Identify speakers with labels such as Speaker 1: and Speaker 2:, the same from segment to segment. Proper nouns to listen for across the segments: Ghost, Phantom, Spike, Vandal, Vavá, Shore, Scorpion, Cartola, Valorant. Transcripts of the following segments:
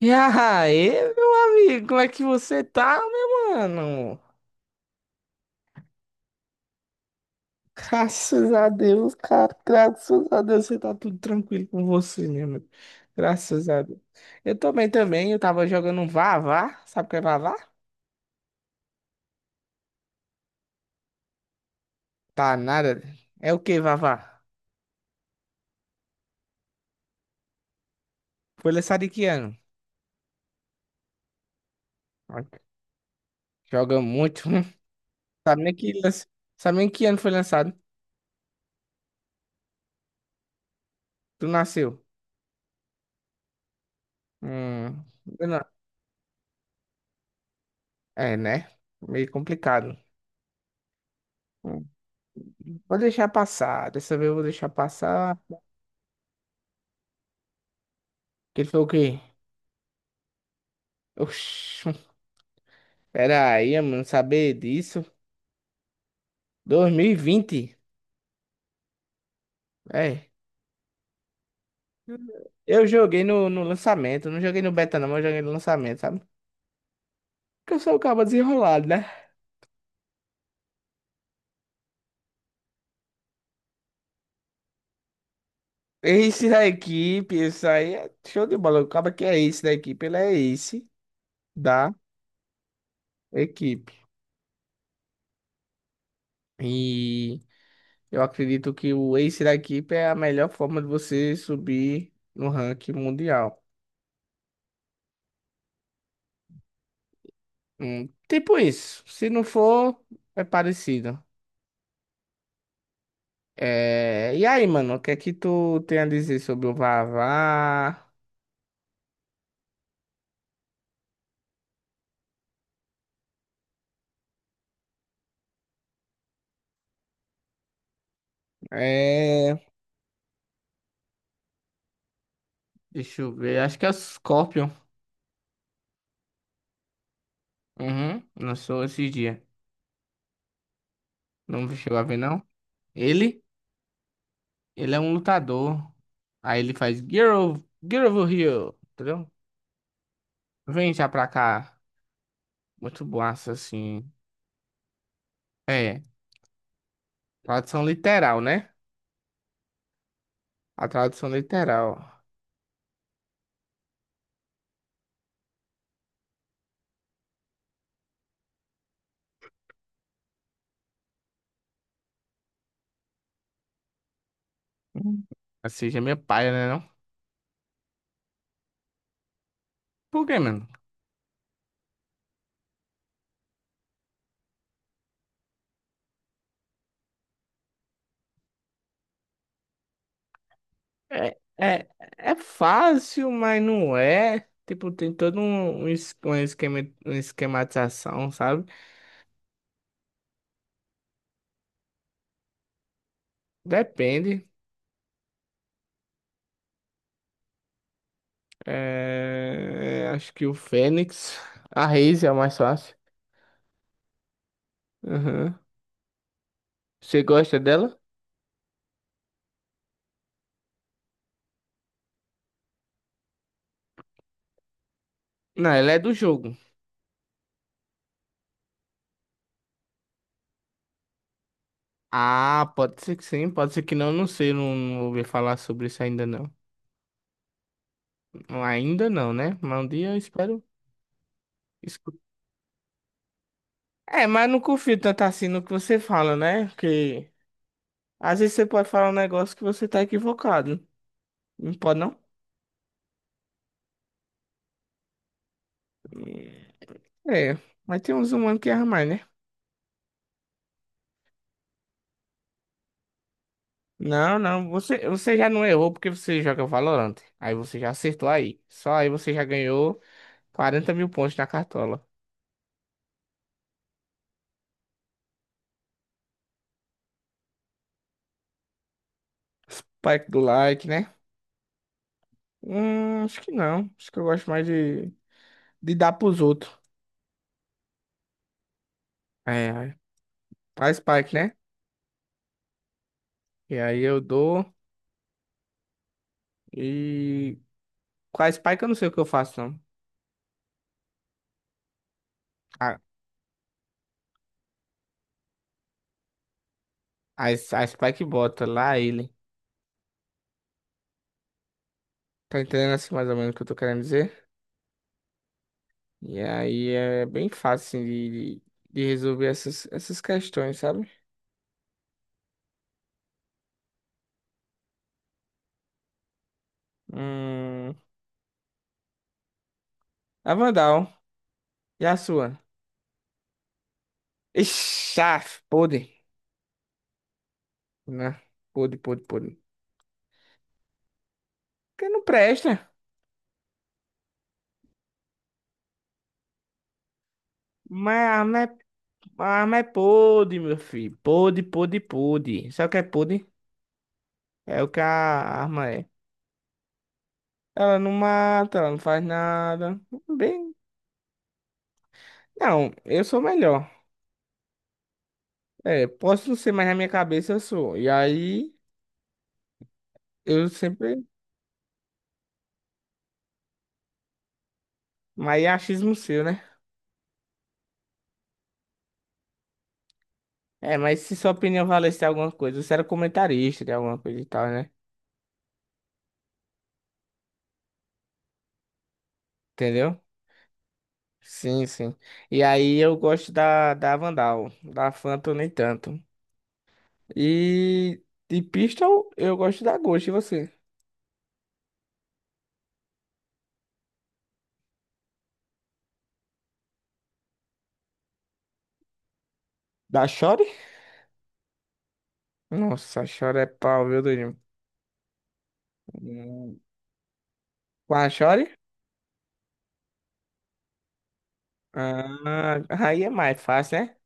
Speaker 1: E aí, meu amigo, como é que você tá, meu mano? Graças a Deus, cara. Graças a Deus, você tá tudo tranquilo com você, meu amigo. Graças a Deus. Eu tô bem também, eu tava jogando um Vavá. Sabe o que é Vavá? Tá nada. É o que, Vavá? Foi lançado em que ano? Ó, joga muito. Hum. Sabe nem que, lan- Sabe nem que ano foi lançado? Tu nasceu. Hum, eu não- É, né? Meio complicado. Hum, Vou deixar passar. Dessa vez eu vou deixar passar. Que ele falou o quê? Oxi, pera aí, eu não saber disso. 2020. É. Eu joguei no lançamento, não joguei no beta não, mas eu joguei no lançamento, sabe? Porque eu sou o cabo desenrolado, né? Ace da equipe, isso aí é show de bola. O cabo que é ace da equipe, ele é ace da equipe. E eu acredito que o ace da equipe é a melhor forma de você subir no ranking mundial. Tipo isso. Se não for, é parecido. É, e aí, mano, o que é que tu tem a dizer sobre o Vavá? É, deixa eu ver, acho que é o Scorpion. Uhum, lançou esse dia. Não chegou a ver, não? Ele, ele é um lutador. Aí ele faz Girl, Girl over here, entendeu? Vem já pra cá. Muito boaça, assim. É, tradução literal, né? A tradução literal. Hum. Assim, já é minha paia, né, não? Por quê, mano? É, é, é fácil, mas não é. Tipo, tem todo um esquema, uma esquematização, sabe? Depende. É, acho que o Fênix. A Raze é a mais fácil. Uhum. Você gosta dela? Não, ela é do jogo. Ah, pode ser que sim, pode ser que não, não sei, não, não ouvi falar sobre isso ainda não. Ainda não, né? Mas um dia eu espero escutar. É, mas não confio tanto assim no que você fala, né? Porque às vezes você pode falar um negócio que você tá equivocado. Não pode, não? É. Mas tem uns humanos que erram mais, né? Não, não. Você já não errou porque você joga Valorant. Aí você já acertou aí. Só aí você já ganhou 40 mil pontos na cartola. Spike do like, né? Acho que não. Acho que eu gosto mais de dar pros outros. É, é. A Spike, né? E aí eu dou. E com a Spike eu não sei o que eu faço, não. A, a Spike bota lá ele. Tá entendendo assim mais ou menos o que eu tô querendo dizer? E aí é bem fácil assim, de de resolver essas questões, sabe? Hum, a Vandal, e a sua? Ixi, ah, podre, né? Podre, podre, podre. Porque não presta. Mas a arma é podre, meu filho. Podre, podre, podre. Sabe o que é podre? É o que a arma é. Ela não mata, ela não faz nada. Bem, não, eu sou melhor. É, posso não ser, mas na minha cabeça eu sou. E aí, eu sempre. Mas é achismo seu, né? É, mas se sua opinião valesse alguma coisa, você era comentarista de alguma coisa e tal, né? Entendeu? Sim, sim. E aí eu gosto da Vandal, da Phantom nem tanto. E de Pistol eu gosto da Ghost, e você? Da Shore? Nossa, a Shore é pau, viu, Durinho? Hum. Com a Shore? Ah, aí é mais fácil, né?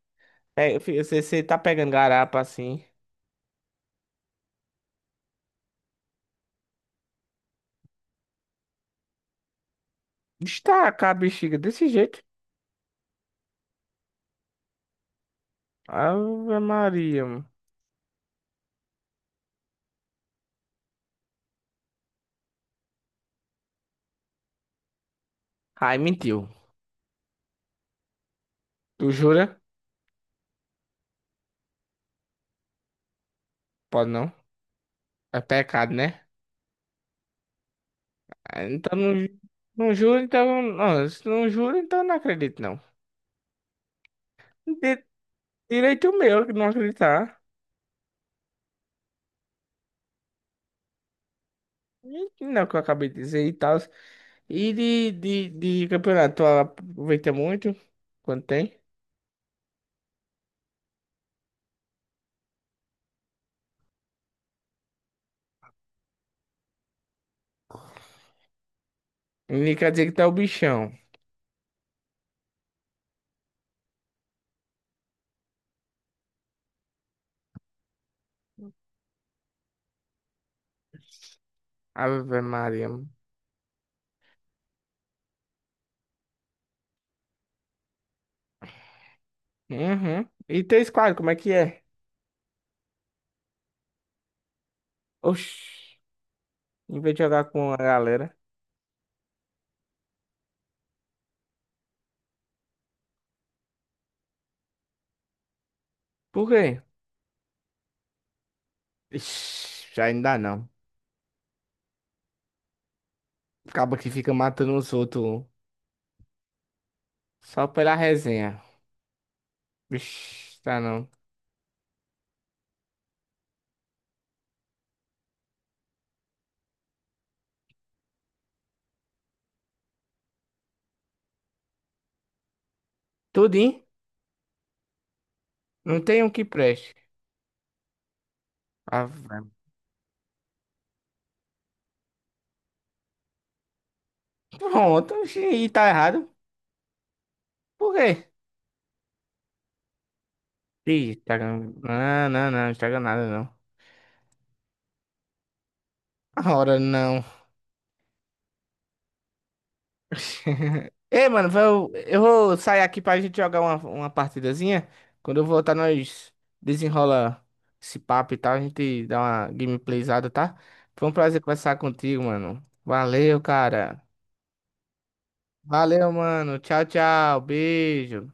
Speaker 1: É, você tá pegando garapa assim. Destaca a bexiga desse jeito. Ave Maria, mano. Ai, mentiu. Tu jura? Pode não. É pecado, né? Ah, então não, não juro, então. Não, se não juro, então não acredito, não. Di- Direito meu que não acreditar. E que Não, é o que eu acabei de dizer e tal. E de campeonato, tu aproveita muito quando tem. E quer dizer que tá o bichão. Ave Maria. Uhum. E teu squad, como é que é? Oxi. Em vez de jogar com a galera. Por quê? Ixi, ainda não. Acaba que fica matando os outros. Um. Só pela resenha. Vixe, tá não. Tudo, hein? Não tem um que preste. Ah, vai. Pronto, oxi, e tá errado. Por quê? Ih, Instagram. Não, não, não, Instagram nada não. Ora, não. Ei, mano, eu vou sair aqui pra gente jogar uma partidazinha. Quando eu voltar, nós desenrola esse papo e tal. A gente dá uma gameplayzada, tá? Foi um prazer conversar contigo, mano. Valeu, cara. Valeu, mano. Tchau, tchau. Beijo.